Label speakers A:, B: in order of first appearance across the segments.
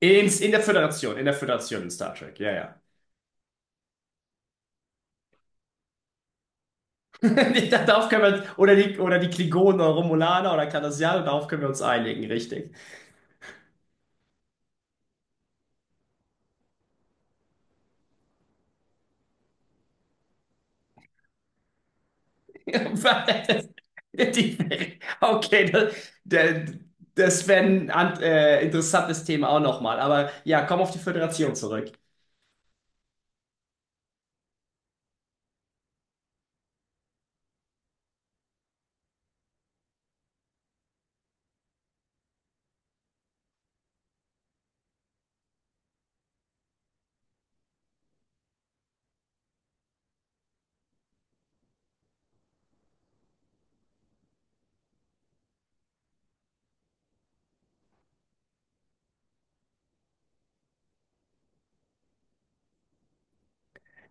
A: In der Föderation, in der Föderation in Star Trek, ja, ja. Darauf können wir, oder die Klingonen oder Romulaner oder Cardassianer, darauf können wir uns einigen, richtig. Das- Die- Okay, das, der- das wäre ein interessantes Thema auch nochmal, aber ja, komm auf die Föderation zurück.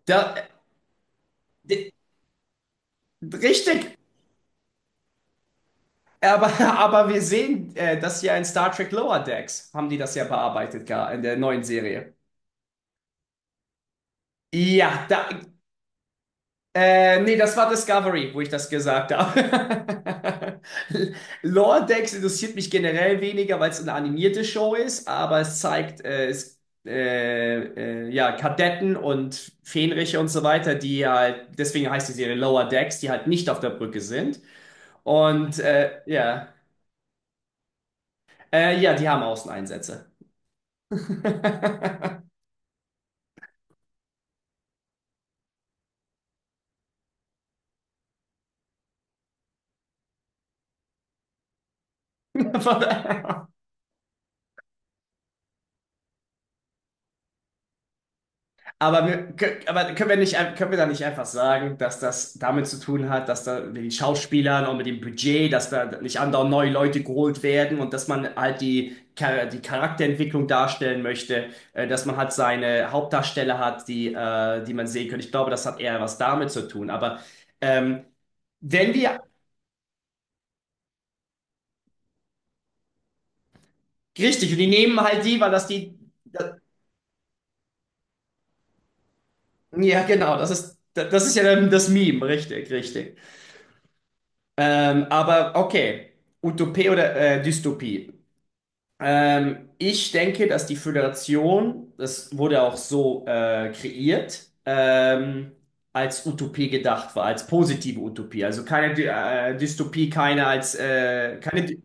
A: Da, d- Richtig, aber, aber wir sehen das ja in Star Trek Lower Decks, haben die das ja bearbeitet, gar in der neuen Serie. Ja, da. Nee, das war Discovery, wo ich das gesagt habe. Lower Decks interessiert mich generell weniger, weil es eine animierte Show ist, aber es zeigt ja, Kadetten und Fähnriche und so weiter, die ja halt, deswegen heißt die Serie Lower Decks, die halt nicht auf der Brücke sind. Und ja, ja, die haben Außeneinsätze. Aber, aber können wir nicht, können wir da nicht einfach sagen, dass das damit zu tun hat, dass da mit den Schauspielern und mit dem Budget, dass da nicht andauernd neue Leute geholt werden und dass man halt die, die Charakterentwicklung darstellen möchte, dass man halt seine Hauptdarsteller hat, die, die man sehen kann. Ich glaube, das hat eher was damit zu tun. Aber ähm, wenn wir, richtig, und die nehmen halt die, weil das, ja genau, das ist ja dann das Meme, richtig, richtig. Aber okay, Utopie oder Dystopie. Ich denke, dass die Föderation, das wurde auch so kreiert, als Utopie gedacht war, als positive Utopie. Also keine Dy Dystopie, keine als keine Dy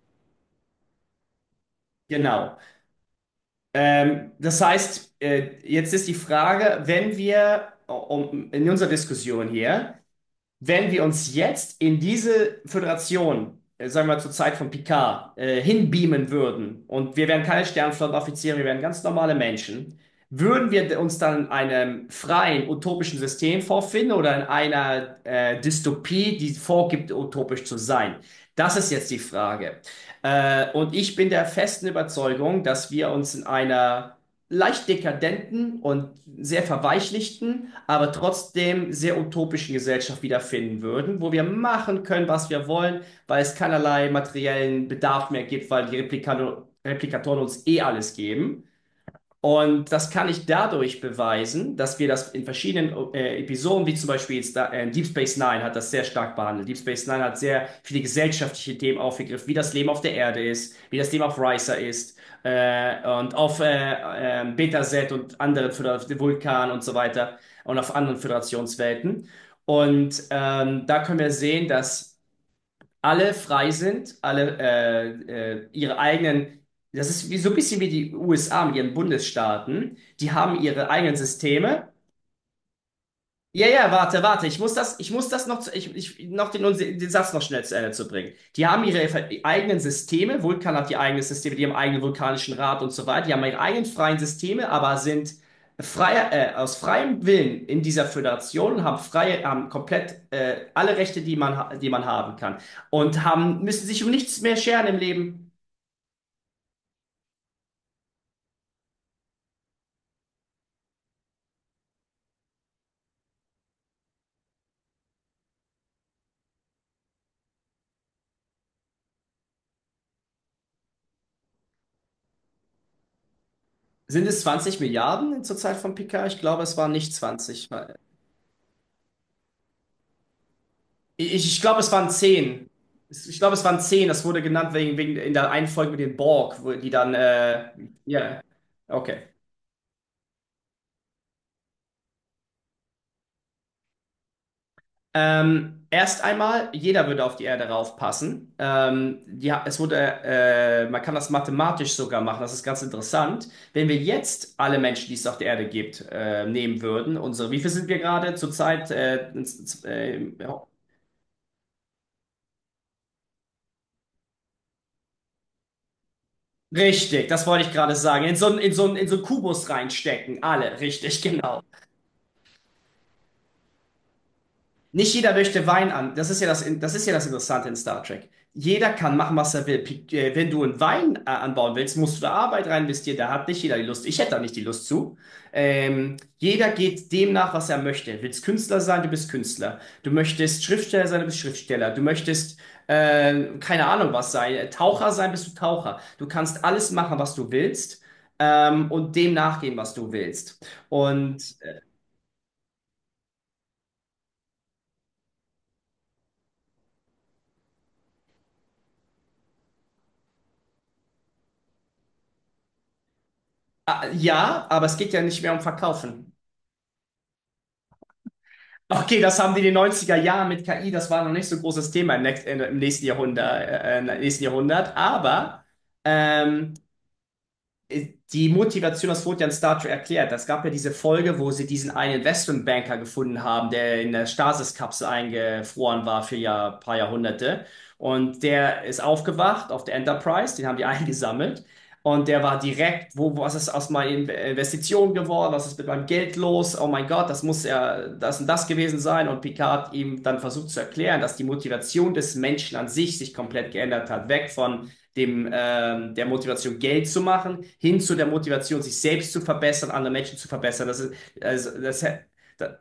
A: genau. Das heißt, jetzt ist die Frage, wenn wir in unserer Diskussion hier, wenn wir uns jetzt in diese Föderation, sagen wir mal zur Zeit von Picard, hinbeamen würden, und wir wären keine Sternflottenoffiziere, wir wären ganz normale Menschen, würden wir uns dann in einem freien, utopischen System vorfinden oder in einer Dystopie, die vorgibt, utopisch zu sein? Das ist jetzt die Frage. Und ich bin der festen Überzeugung, dass wir uns in einer leicht dekadenten und sehr verweichlichten, aber trotzdem sehr utopischen Gesellschaft wiederfinden würden, wo wir machen können, was wir wollen, weil es keinerlei materiellen Bedarf mehr gibt, weil die Replikatoren uns eh alles geben. Und das kann ich dadurch beweisen, dass wir das in verschiedenen Episoden, wie zum Beispiel jetzt da, Deep Space Nine hat das sehr stark behandelt. Deep Space Nine hat sehr viele gesellschaftliche Themen aufgegriffen, wie das Leben auf der Erde ist, wie das Leben auf Risa ist, und auf Beta Set und anderen Vulkan und so weiter und auf anderen Föderationswelten. Und da können wir sehen, dass alle frei sind, das ist wie, so ein bisschen wie die USA mit ihren Bundesstaaten, die haben ihre eigenen Systeme. Ja, ja, warte, warte. Ich muss das noch, noch den, den Satz noch schnell zu Ende zu bringen. Die haben eigenen Systeme. Vulkan hat die eigenen Systeme, die haben eigenen vulkanischen Rat und so weiter. Die haben ihre eigenen freien Systeme, aber sind freier, aus freiem Willen in dieser Föderation und haben freie, haben komplett alle Rechte, die man haben kann und haben müssen sich um nichts mehr scheren im Leben. Sind es 20 Milliarden zur Zeit von Picard? Ich glaube, es waren nicht 20. Ich, ich glaube, es waren 10. Ich glaube, es waren zehn. Das wurde genannt wegen, wegen in der einen Folge mit den Borg, wo die dann. Ja, okay. Erst einmal, jeder würde auf die Erde raufpassen. Ja, es wurde, man kann das mathematisch sogar machen, das ist ganz interessant. Wenn wir jetzt alle Menschen, die es auf der Erde gibt, nehmen würden, unsere, wie viel sind wir gerade zurzeit? Ja. Richtig, das wollte ich gerade sagen. In so einen Kubus reinstecken, alle, richtig, genau. Nicht jeder möchte Wein an. Das ist ja das Interessante in Star Trek. Jeder kann machen, was er will. Wenn du einen Wein anbauen willst, musst du da Arbeit rein investieren. Da hat nicht jeder die Lust. Ich hätte da nicht die Lust zu. Jeder geht dem nach, was er möchte. Willst Künstler sein, du bist Künstler. Du möchtest Schriftsteller sein, du bist Schriftsteller. Keine Ahnung was sein, Taucher sein, bist du Taucher. Du kannst alles machen, was du willst, und dem nachgehen, was du willst. Und ja, aber es geht ja nicht mehr um Verkaufen. Okay, das haben die in den neunziger Jahren mit KI, das war noch nicht so ein großes Thema im nächsten Jahrhundert, im nächsten Jahrhundert. Aber ähm, die Motivation, das wurde ja in Star Trek erklärt. Es gab ja diese Folge, wo sie diesen einen Investmentbanker gefunden haben, der in der Stasis-Kapsel eingefroren war für ja paar Jahrhunderte. Und der ist aufgewacht auf der Enterprise, den haben die eingesammelt. Und der war direkt, wo, was ist aus meiner Investition geworden? Was ist mit meinem Geld los? Oh mein Gott, das muss ja das und das gewesen sein. Und Picard hat ihm dann versucht zu erklären, dass die Motivation des Menschen an sich sich komplett geändert hat. Weg von dem, der Motivation Geld zu machen, hin zu der Motivation, sich selbst zu verbessern, andere Menschen zu verbessern. Das ist, also, das, da-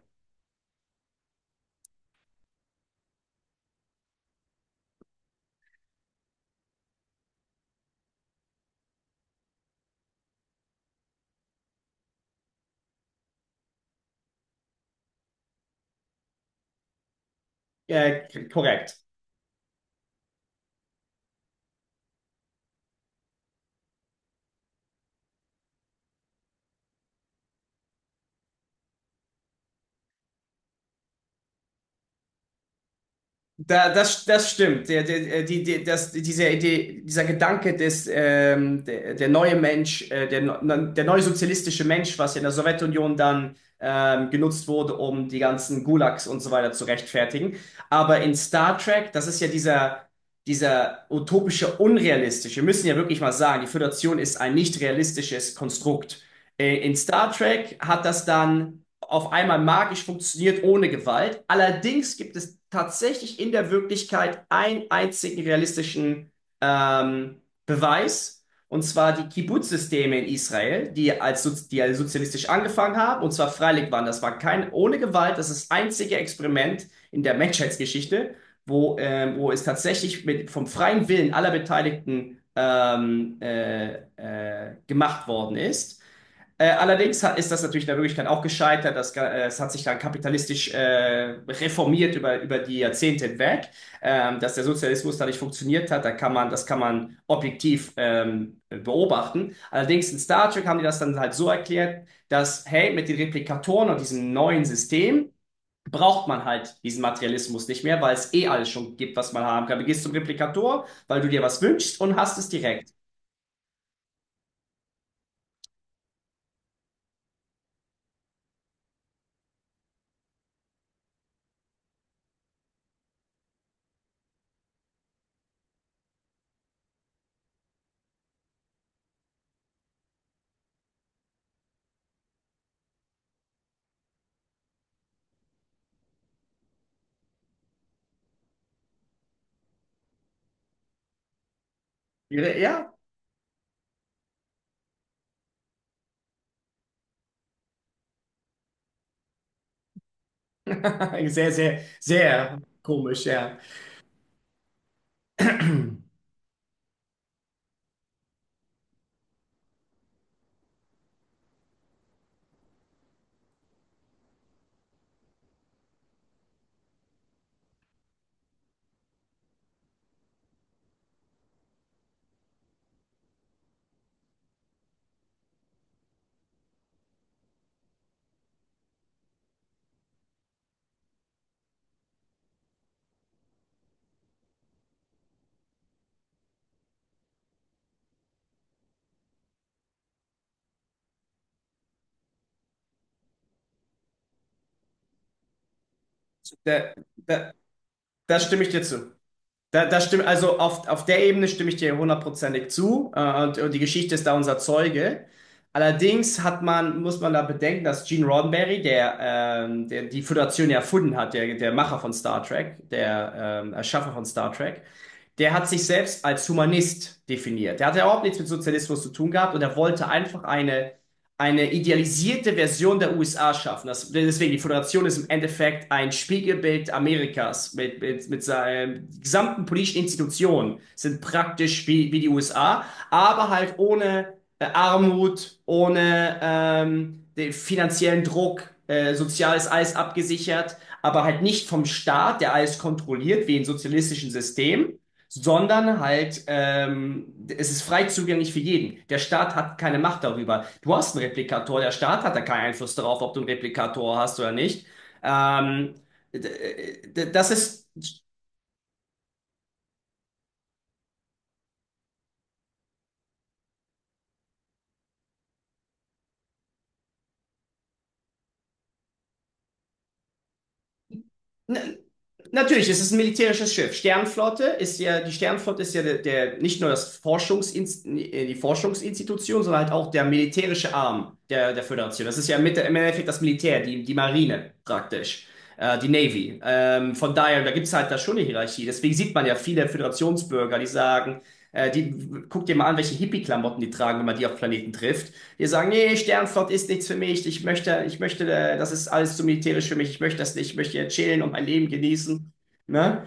A: korrekt. Das stimmt. Der, der, die, die, das, diese Idee, dieser Gedanke der neue Mensch, der neue sozialistische Mensch, was ja in der Sowjetunion dann genutzt wurde, um die ganzen Gulags und so weiter zu rechtfertigen. Aber in Star Trek, das ist ja dieser, dieser utopische, unrealistische, wir müssen ja wirklich mal sagen, die Föderation ist ein nicht realistisches Konstrukt. In Star Trek hat das dann auf einmal magisch funktioniert ohne Gewalt. Allerdings gibt es tatsächlich in der Wirklichkeit einen einzigen realistischen ähm, Beweis, und zwar die Kibbutz-Systeme in Israel, die als sozialistisch angefangen haben, und zwar freiwillig waren. Das war kein ohne Gewalt, das ist das einzige Experiment in der Menschheitsgeschichte, wo, wo es tatsächlich mit, vom freien Willen aller Beteiligten gemacht worden ist. Allerdings ist das natürlich in der Wirklichkeit auch gescheitert. Es hat sich dann kapitalistisch reformiert über die Jahrzehnte hinweg. Dass der Sozialismus da nicht funktioniert hat, das kann man objektiv beobachten. Allerdings in Star Trek haben die das dann halt so erklärt, dass, hey, mit den Replikatoren und diesem neuen System braucht man halt diesen Materialismus nicht mehr, weil es eh alles schon gibt, was man haben kann. Du gehst zum Replikator, weil du dir was wünschst und hast es direkt. Ja, sehr, sehr, sehr komisch, ja. Da, da, da stimme ich dir zu. Also auf der Ebene stimme ich dir hundertprozentig zu. Und die Geschichte ist da unser Zeuge. Allerdings muss man da bedenken, dass Gene Roddenberry, der, der die Föderation ja erfunden hat, der, der Macher von Star Trek, der Erschaffer von Star Trek, der hat sich selbst als Humanist definiert. Der hat ja überhaupt nichts mit Sozialismus zu tun gehabt und er wollte einfach eine idealisierte Version der USA schaffen. Das, deswegen, die Föderation ist im Endeffekt ein Spiegelbild Amerikas mit seinen gesamten politischen Institutionen, sind praktisch wie, wie die USA, aber halt ohne Armut, ohne den finanziellen Druck, sozial ist alles abgesichert, aber halt nicht vom Staat, der alles kontrolliert, wie in sozialistischen Systemen, sondern halt, es ist frei zugänglich für jeden. Der Staat hat keine Macht darüber. Du hast einen Replikator, der Staat hat da keinen Einfluss darauf, ob du einen Replikator hast oder nicht. Ähm, Das ist. Na, natürlich, es ist ein militärisches Schiff. Die Sternflotte ist ja der, der nicht nur das Forschungsinst die Forschungsinstitution, sondern halt auch der militärische Arm der, der Föderation. Das ist ja mit, im Endeffekt das Militär, die, die Marine praktisch, die Navy. Von daher, da gibt es halt da schon eine Hierarchie. Deswegen sieht man ja viele Föderationsbürger, die sagen, guck dir mal an, welche Hippie-Klamotten die tragen, wenn man die auf Planeten trifft, die sagen, nee, Sternflott ist nichts für mich, ich möchte, das ist alles zu militärisch für mich, ich möchte das nicht, ich möchte hier chillen und mein Leben genießen. Ne?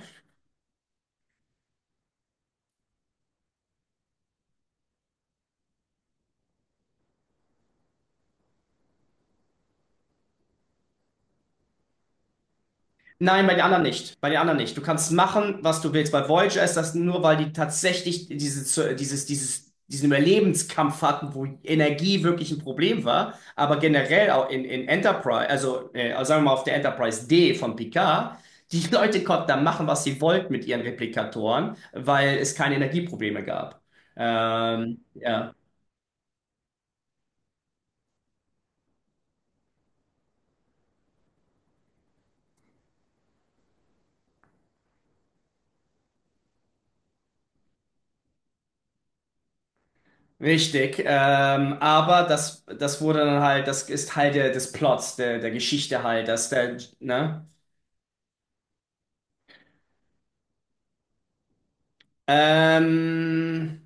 A: Nein, bei den anderen nicht. Bei den anderen nicht. Du kannst machen, was du willst. Bei Voyager ist das nur, weil die tatsächlich diesen Überlebenskampf hatten, wo Energie wirklich ein Problem war. Aber generell auch in Enterprise, also sagen wir mal auf der Enterprise D von Picard, die Leute konnten da machen, was sie wollten mit ihren Replikatoren, weil es keine Energieprobleme gab. Ja. Richtig, aber das wurde dann halt, das ist Teil der, des Plots, der, der Geschichte halt, dass der, ne? Ähm,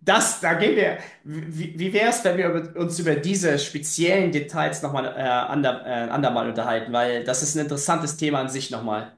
A: das, da gehen wir. Wie, wie wäre es, wenn wir uns über diese speziellen Details nochmal andermal unterhalten? Weil das ist ein interessantes Thema an sich nochmal.